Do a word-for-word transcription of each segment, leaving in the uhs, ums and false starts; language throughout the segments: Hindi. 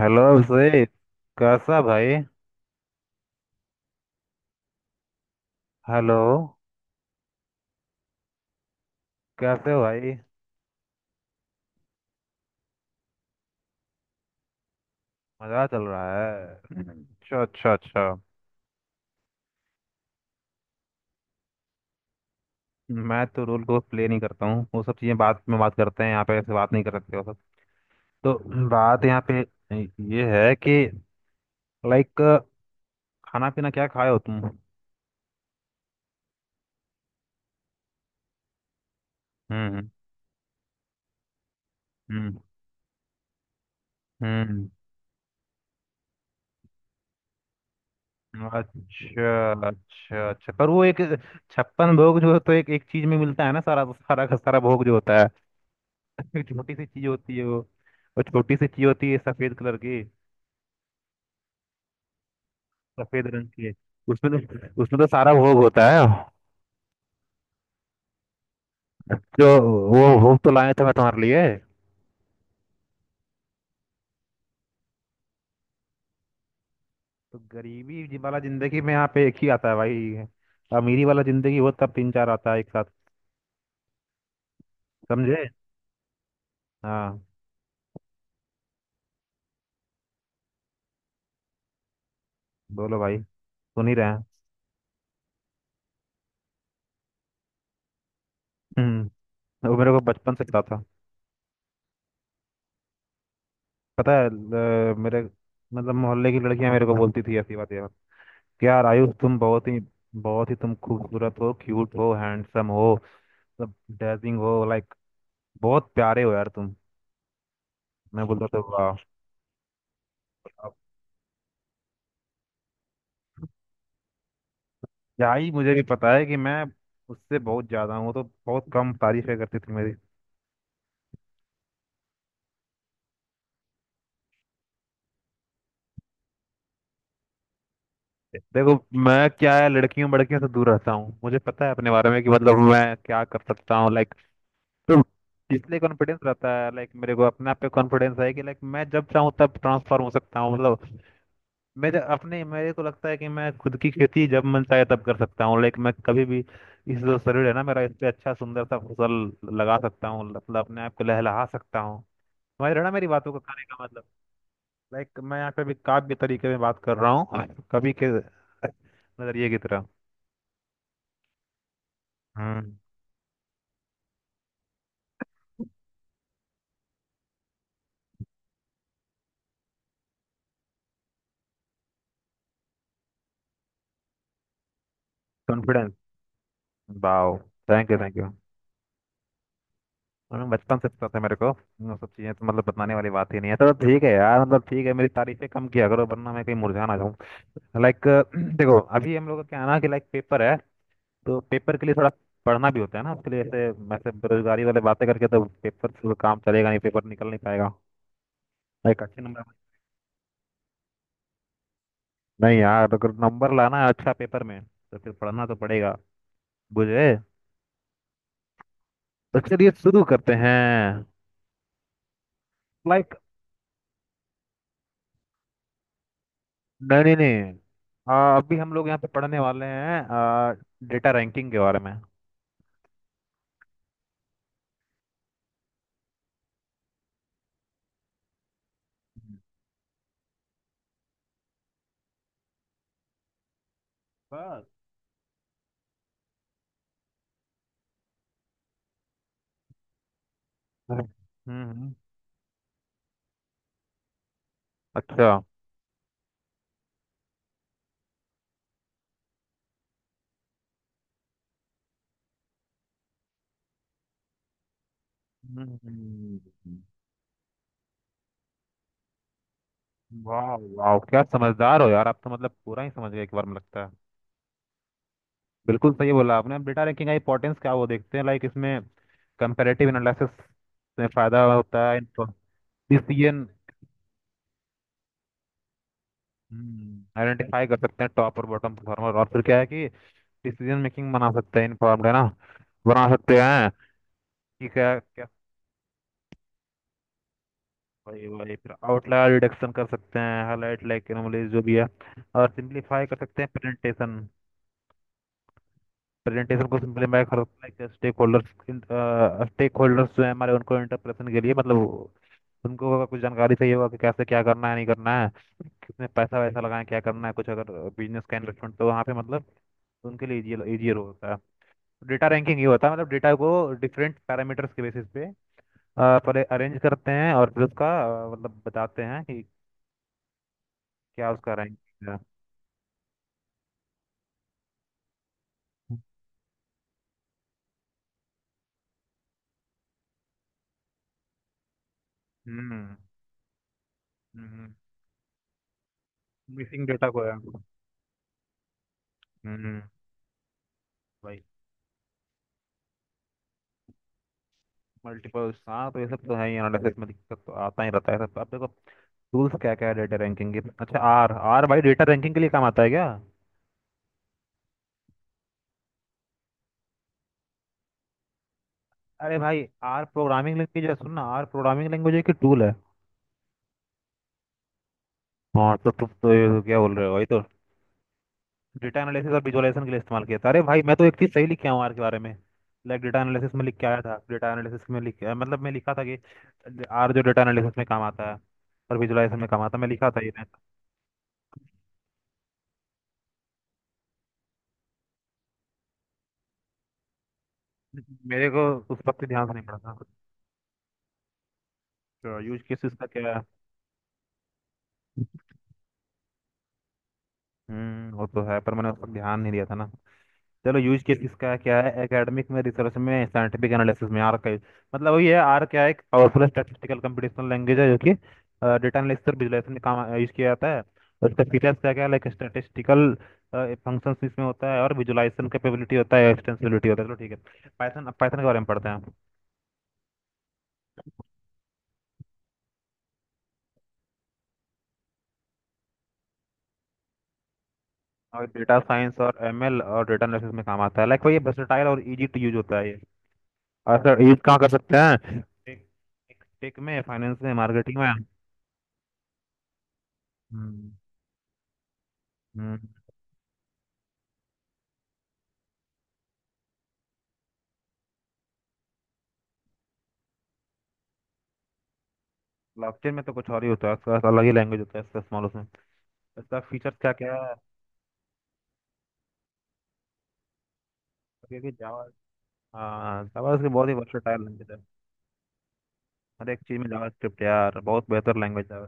हेलो अभिषेक। कैसा भाई? हेलो। कैसे हो भाई? मजा चल रहा है। अच्छा अच्छा अच्छा। मैं तो रोल को प्ले नहीं करता हूँ। वो सब चीज़ें बात में बात करते हैं, यहाँ पे ऐसे बात नहीं करते हो सब। तो बात यहाँ पे ये है कि लाइक खाना पीना क्या खाए हो तुम? हम्म। हम्म। हम्म। हम्म। अच्छा अच्छा अच्छा, पर वो एक छप्पन भोग जो तो एक एक चीज में मिलता है ना। सारा सारा का सारा भोग जो होता है, एक छोटी सी चीज होती है वो। और छोटी सी चीज होती है सफेद कलर की। सफेद रंग की। उसमें तो उसमें तो सारा भोग होता है। जो वो भोग तो लाए थे मैं तुम्हारे लिए। तो गरीबी जी- वाला जिंदगी में यहाँ पे एक ही आता है भाई। अमीरी वाला जिंदगी हो तब तीन चार आता है एक साथ। समझे? हाँ, बोलो भाई, सुन ही रहे हैं। हम्म। वो मेरे को बचपन से पता था। पता है ल- मेरे मतलब मोहल्ले की लड़कियां मेरे को बोलती थी ऐसी बातें यार। यार आयुष तुम बहुत ही बहुत ही, तुम खूबसूरत हो, क्यूट हो, हैंडसम हो, मतलब डेजिंग हो, लाइक बहुत प्यारे हो यार तुम। मैं बोलता था वाह। अब क्या ही, मुझे भी पता है कि मैं उससे बहुत ज्यादा हूँ। वो तो बहुत कम तारीफें करती थी मेरी। देखो, मैं क्या है, लड़कियों बड़कियों से दूर रहता हूँ। मुझे पता है अपने बारे में कि मतलब मैं क्या कर सकता हूँ, लाइक। तो इसलिए कॉन्फिडेंस रहता है। लाइक मेरे को अपने आप पे कॉन्फिडेंस है कि लाइक मैं जब चाहूँ तब ट्रांसफॉर्म हो सकता हूँ, मतलब। मेरे अपने मेरे को लगता है कि मैं खुद की खेती जब मन चाहे तब कर सकता हूँ। लेकिन मैं कभी भी इस जो शरीर है ना मेरा, इस पे अच्छा सुंदर सा फसल लगा सकता हूँ, मतलब अपने आप को लहलहा सकता हूँ। समझ रहे हो ना मेरी बातों को कहने का मतलब? लाइक मैं यहाँ पे भी काव्य तरीके में बात कर रहा हूँ, कवि के नजरिए की तरह। हम्म। Confidence. Wow. Thank you thank you. मैं बचपन से पता था मेरे को। वो सब चीजें तो मतलब बताने वाली बात ही नहीं है। तो ठीक है यार, मतलब ठीक है, मेरी तारीफें कम किया करो वरना मैं कहीं मुरझा ना जाऊँ। लाइक देखो, अभी हम लोग का क्या है ना कि लाइक पेपर है। तो पेपर के लिए थोड़ा पढ़ना भी होता है ना। उसके लिए ऐसे वैसे बेरोजगारी वाले बातें करके तो पेपर से तो काम चलेगा नहीं, पेपर निकल नहीं पाएगा। लाइक अच्छे नंबर। नहीं यार, अगर नंबर लाना है अच्छा पेपर में तो फिर पढ़ना तो पड़ेगा। बुझे? तो चलिए शुरू करते हैं। Like, नहीं नहीं नहीं। आ, अभी हम लोग यहाँ पे पढ़ने वाले हैं आ, डेटा रैंकिंग के बारे में। बस। हम्म। बस। हम्म। अच्छा। हम्म। वाह वाह, क्या समझदार हो यार आप तो, मतलब पूरा ही समझ गए एक बार में लगता है। बिल्कुल सही बोला आपने। अब डेटा रैंकिंग का इंपॉर्टेंस क्या, वो देखते हैं। लाइक इसमें कंपैरेटिव एनालिसिस में फायदा होता है। डिसीजन आइडेंटिफाई कर सकते हैं टॉप और बॉटम परफॉर्मर। और फिर क्या है कि डिसीजन मेकिंग बना सकते हैं, इन्फॉर्म्ड, है ना, बना सकते हैं। ठीक है क्या? भाई भाई, फिर आउटलायर रिडक्शन कर सकते हैं, हाईलाइट लाइक एनोमलीज जो भी है। और सिंपलीफाई कर सकते हैं प्रेजेंटेशन। प्रेजेंटेशन को सिंपलीफाई कर सकते हैं स्टेक होल्डर्स। स्टेक होल्डर्स जो है हमारे, उनको इंटरप्रेशन के लिए, मतलब उनको अगर कुछ जानकारी चाहिए होगा कि कैसे क्या करना है, नहीं करना है, कितने पैसा वैसा लगाएं, क्या करना है, कुछ अगर बिजनेस का इन्वेस्टमेंट, तो वहाँ पे मतलब उनके लिए इजी इजियर होता है। डेटा रैंकिंग ये होता है मतलब डेटा को डिफरेंट पैरामीटर्स के बेसिस पे अ, पर अरेंज करते हैं और फिर उसका अ, मतलब बताते हैं कि क्या उसका रैंक था। हम्म। मिसिंग डेटा को है। हम्म। भाई मल्टीपल। हाँ तो ये सब तो है ही, एनालिसिस में दिक्कत तो आता ही रहता है सब। अब देखो टूल्स क्या क्या है डेटा रैंकिंग के। अच्छा आर, आर भाई डेटा रैंकिंग के लिए काम आता है क्या? अरे भाई, आर प्रोग्रामिंग लैंग्वेज है, सुन ना, आर प्रोग्रामिंग लैंग्वेज की टूल है। हाँ तो तुम तो ये क्या बोल रहे हो भाई? तो डेटा एनालिसिस और विजुअलाइजेशन के लिए इस्तेमाल किया था। अरे भाई, मैं तो एक चीज़ सही लिख के आऊँ आर के बारे में। लाइक डेटा एनालिसिस में लिख के आया था, डेटा एनालिसिस में लिख अ, मतलब मैं लिखा था कि आर जो डेटा एनालिसिस में काम आता है और विजुअलाइजेशन में काम आता है, मैं लिखा था ये मैं। मेरे को उस वक्त ध्यान से नहीं पड़ा था। यूज केस इसका क्या है? हम्म वो तो है, पर मैंने उस पर ध्यान नहीं दिया था ना। चलो यूज केस इसका क्या है? एकेडमिक में, रिसर्च में, साइंटिफिक एनालिसिस में आर का use- मतलब वही है। आर क्या है? एक पावरफुल स्टैटिस्टिकल कंप्यूटेशनल लैंग्वेज है जो कि डेटा एनालिसिस और विजुलाइजेशन में काम यूज किया जाता है। और इसका फीचर्स क्या क्या है, लाइक स्टैटिस्टिकल फंक्शंस इसमें होता है और विजुलाइजेशन कैपेबिलिटी होता है, एक्सटेंसिबिलिटी होता है। चलो ठीक है पाइथन, अब पाइथन के बारे में पढ़ते हैं। और डेटा साइंस और एम एल और डेटा एनालिसिस में काम आता है, लाइक वही वर्सेटाइल और इजी टू यूज होता है ये। और सर यूज कहाँ कर सकते हैं, टेक? टेक में, फाइनेंस में, मार्केटिंग में। हम्म। हम्म। ब्लॉकचेन में तो कुछ और ही होता है, उसका अलग ही लैंग्वेज होता है, इसका स्मॉल उसमें। इसका फीचर्स क्या क्या है? क्योंकि जावा, हाँ जावा इसकी बहुत ही वर्सेटाइल लैंग्वेज है। हर एक चीज़ में जावा स्क्रिप्ट यार बहुत बेहतर लैंग्वेज है।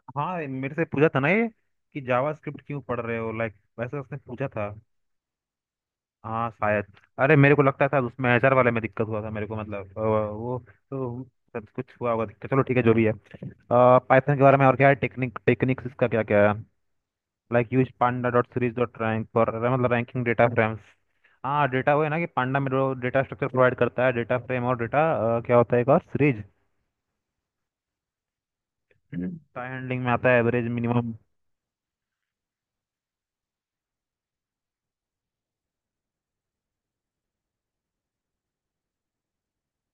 हाँ मेरे से पूछा था ना ये कि जावा स्क्रिप्ट क्यों पढ़ रहे हो, लाइक वैसे उसने पूछा था। हाँ शायद। अरे मेरे को लगता था उसमें एच आर वाले में दिक्कत हुआ था मेरे को, मतलब अ, वो तो सब कुछ हुआ होगा दिक्कत। चलो ठीक है जो भी है। पाइथन के बारे में और क्या है, टेक्निक, टेक्निक्स इसका क्या क्या है? Like use panda dot series dot rank for मतलब रैंकिंग डेटा फ्रेम्स। हाँ डेटा वो है ना कि पांडा में जो डेटा स्ट्रक्चर प्रोवाइड करता है डेटा फ्रेम और डेटा क्या होता है, एक और सीरीज। टाइम हैंडलिंग में आता है एवरेज मिनिमम।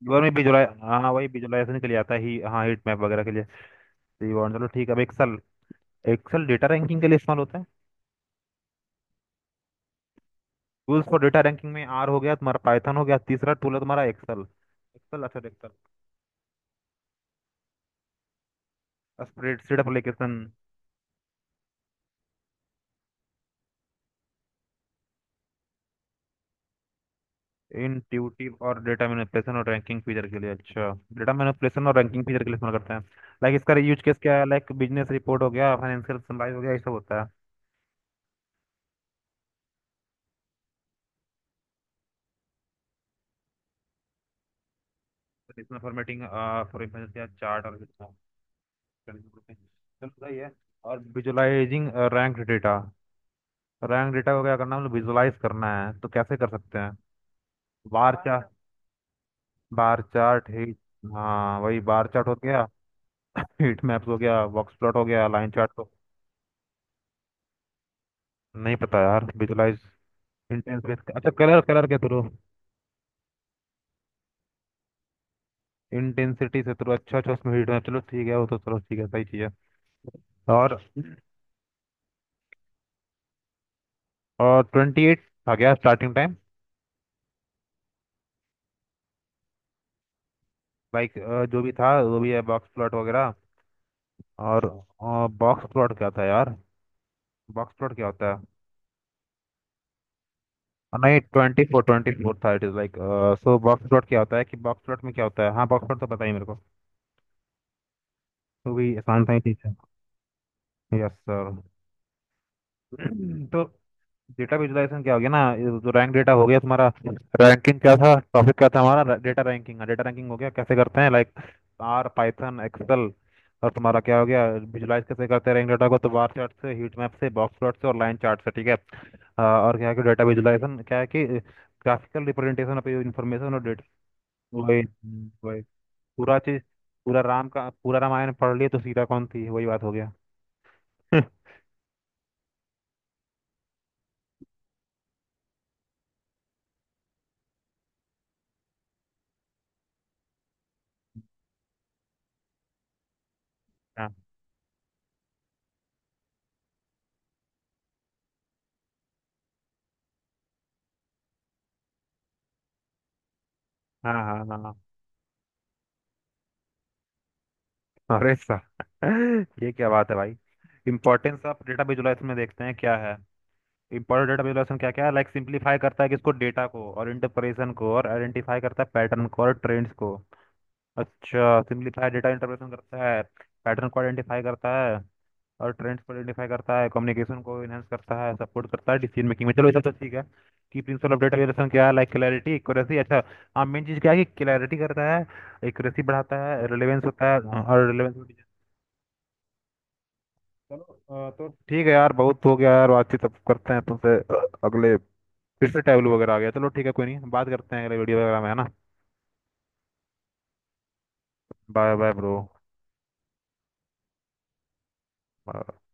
वीवर में विजुलाइज, हाँ वही विजुलाइजेशन के लिए आता है ही, हाँ हीट मैप वगैरह के लिए। तो ये वाला- चलो ठीक है अब एक्सेल। एक्सेल डेटा रैंकिंग के लिए इस्तेमाल होता है। टूल्स फॉर डेटा रैंकिंग में आर हो गया तुम्हारा, पाइथन हो गया, तीसरा टूल है तुम्हारा एक्सेल। एक्सेल, अच्छा एक्सेल, स्प्रेडशीट एप्लीकेशन, इंट्यूटिव और डेटा मैनिपुलेशन और रैंकिंग फीचर के लिए। अच्छा डेटा मैनिपुलेशन और रैंकिंग फीचर के लिए इस्तेमाल करते हैं। लाइक इसका यूज केस क्या है, लाइक बिजनेस रिपोर्ट हो गया, फाइनेंशियल समराइज हो गया, ये सब होता है। तो इसमें फॉर्मेटिंग फॉर इंफॉर्मेशन या चार्ट और चलो सही है। और visualising rank data, rank data को क्या करना है मतलब विजुअलाइज करना है तो कैसे कर सकते हैं? Bar chart, bar chart, heat, हाँ वही बार चार्ट हो गया, हीट मैप्स हो गया, बॉक्स प्लॉट हो गया, लाइन चार्ट तो नहीं पता यार विजुअलाइज, इंटेंस बेस, अच्छा कलर कलर के थ्रू, इंटेंसिटी से थ्रू, अच्छा अच्छा, उसमें हीट है, चलो ठीक है, वो तो चलो ठीक है सही चीज़ है। और और ट्वेंटी एट आ गया स्टार्टिंग टाइम। बाइक अ, जो भी था वो भी है, बॉक्स प्लॉट वगैरह। और बॉक्स प्लॉट क्या था यार? बॉक्स प्लॉट क्या होता है? अ, नहीं ट्वेंटी फोर ट्वेंटी फोर था। It is like so box plot क्या होता है कि बॉक्स प्लॉट में क्या होता है, हाँ बॉक्स प्लॉट तो पता ही मेरे को, तो भी आसान था ही। ठीक है यस सर। तो डेटा विजुलाइजेशन क्या हो गया ना, ये जो रैंक डेटा हो गया तुम्हारा। रैंकिंग क्या था, टॉपिक क्या था हमारा, डेटा रैंकिंग। डेटा रैंकिंग हो गया कैसे करते हैं, लाइक आर, पाइथन, एक्सेल। और तुम्हारा क्या हो गया विजुलाइज कैसे करते हैं रैंक डेटा को, तो बार चार्ट से, हीट मैप से, बॉक्स प्लॉट से और लाइन चार्ट से, ठीक है। आ, और क्या है कि डेटा विजुलाइजेशन क्या है कि ग्राफिकल रिप्रेजेंटेशन ऑफ इन्फॉर्मेशन और डेटा। वही, हम्म, वही। पूरा चीज, पूरा राम का पूरा रामायण पढ़ लिए तो सीता कौन थी, वही बात हो गया। हाँ हाँ। हाँ हाँ। अरे साहब, ये क्या बात है भाई? इंपॉर्टेंस ऑफ डेटा विजुलाइजेशन में देखते हैं क्या है। इंपॉर्टेंट डेटा विजुलाइजेशन क्या क्या है, लाइक सिंप्लीफाई करता है, किसको, डेटा को और इंटरप्रेशन को, और आइडेंटिफाई करता है पैटर्न को और ट्रेंड्स को। अच्छा, सिंप्लीफाई डेटा इंटरप्रेशन करता है, पैटर्न को आइडेंटिफाई करता है और ट्रेंड्स को आइडेंटिफाई करता है, कम्युनिकेशन को इनहेंस करता है, सपोर्ट करता है डिसीजन मेकिंग में। चलो ये सब तो ठीक है कि प्रिंसिपल ऑफ डेटा विजुलाइजेशन क्या है, लाइक क्लैरिटी, एक्यूरेसी। अच्छा हाँ, मेन चीज़ क्या है कि क्लैरिटी करता है, एक्यूरेसी बढ़ाता है, रिलेवेंस होता है, हाँ, और रिलेवेंस। चलो अ, तो ठीक है यार, बहुत हो गया यार बातचीत, अब करते हैं तुमसे अ, अगले। फिर से टैबलू वगैरह आ गया, चलो ठीक है कोई नहीं, बात करते हैं अगले वीडियो वगैरह में, है ना? Bye bye bro.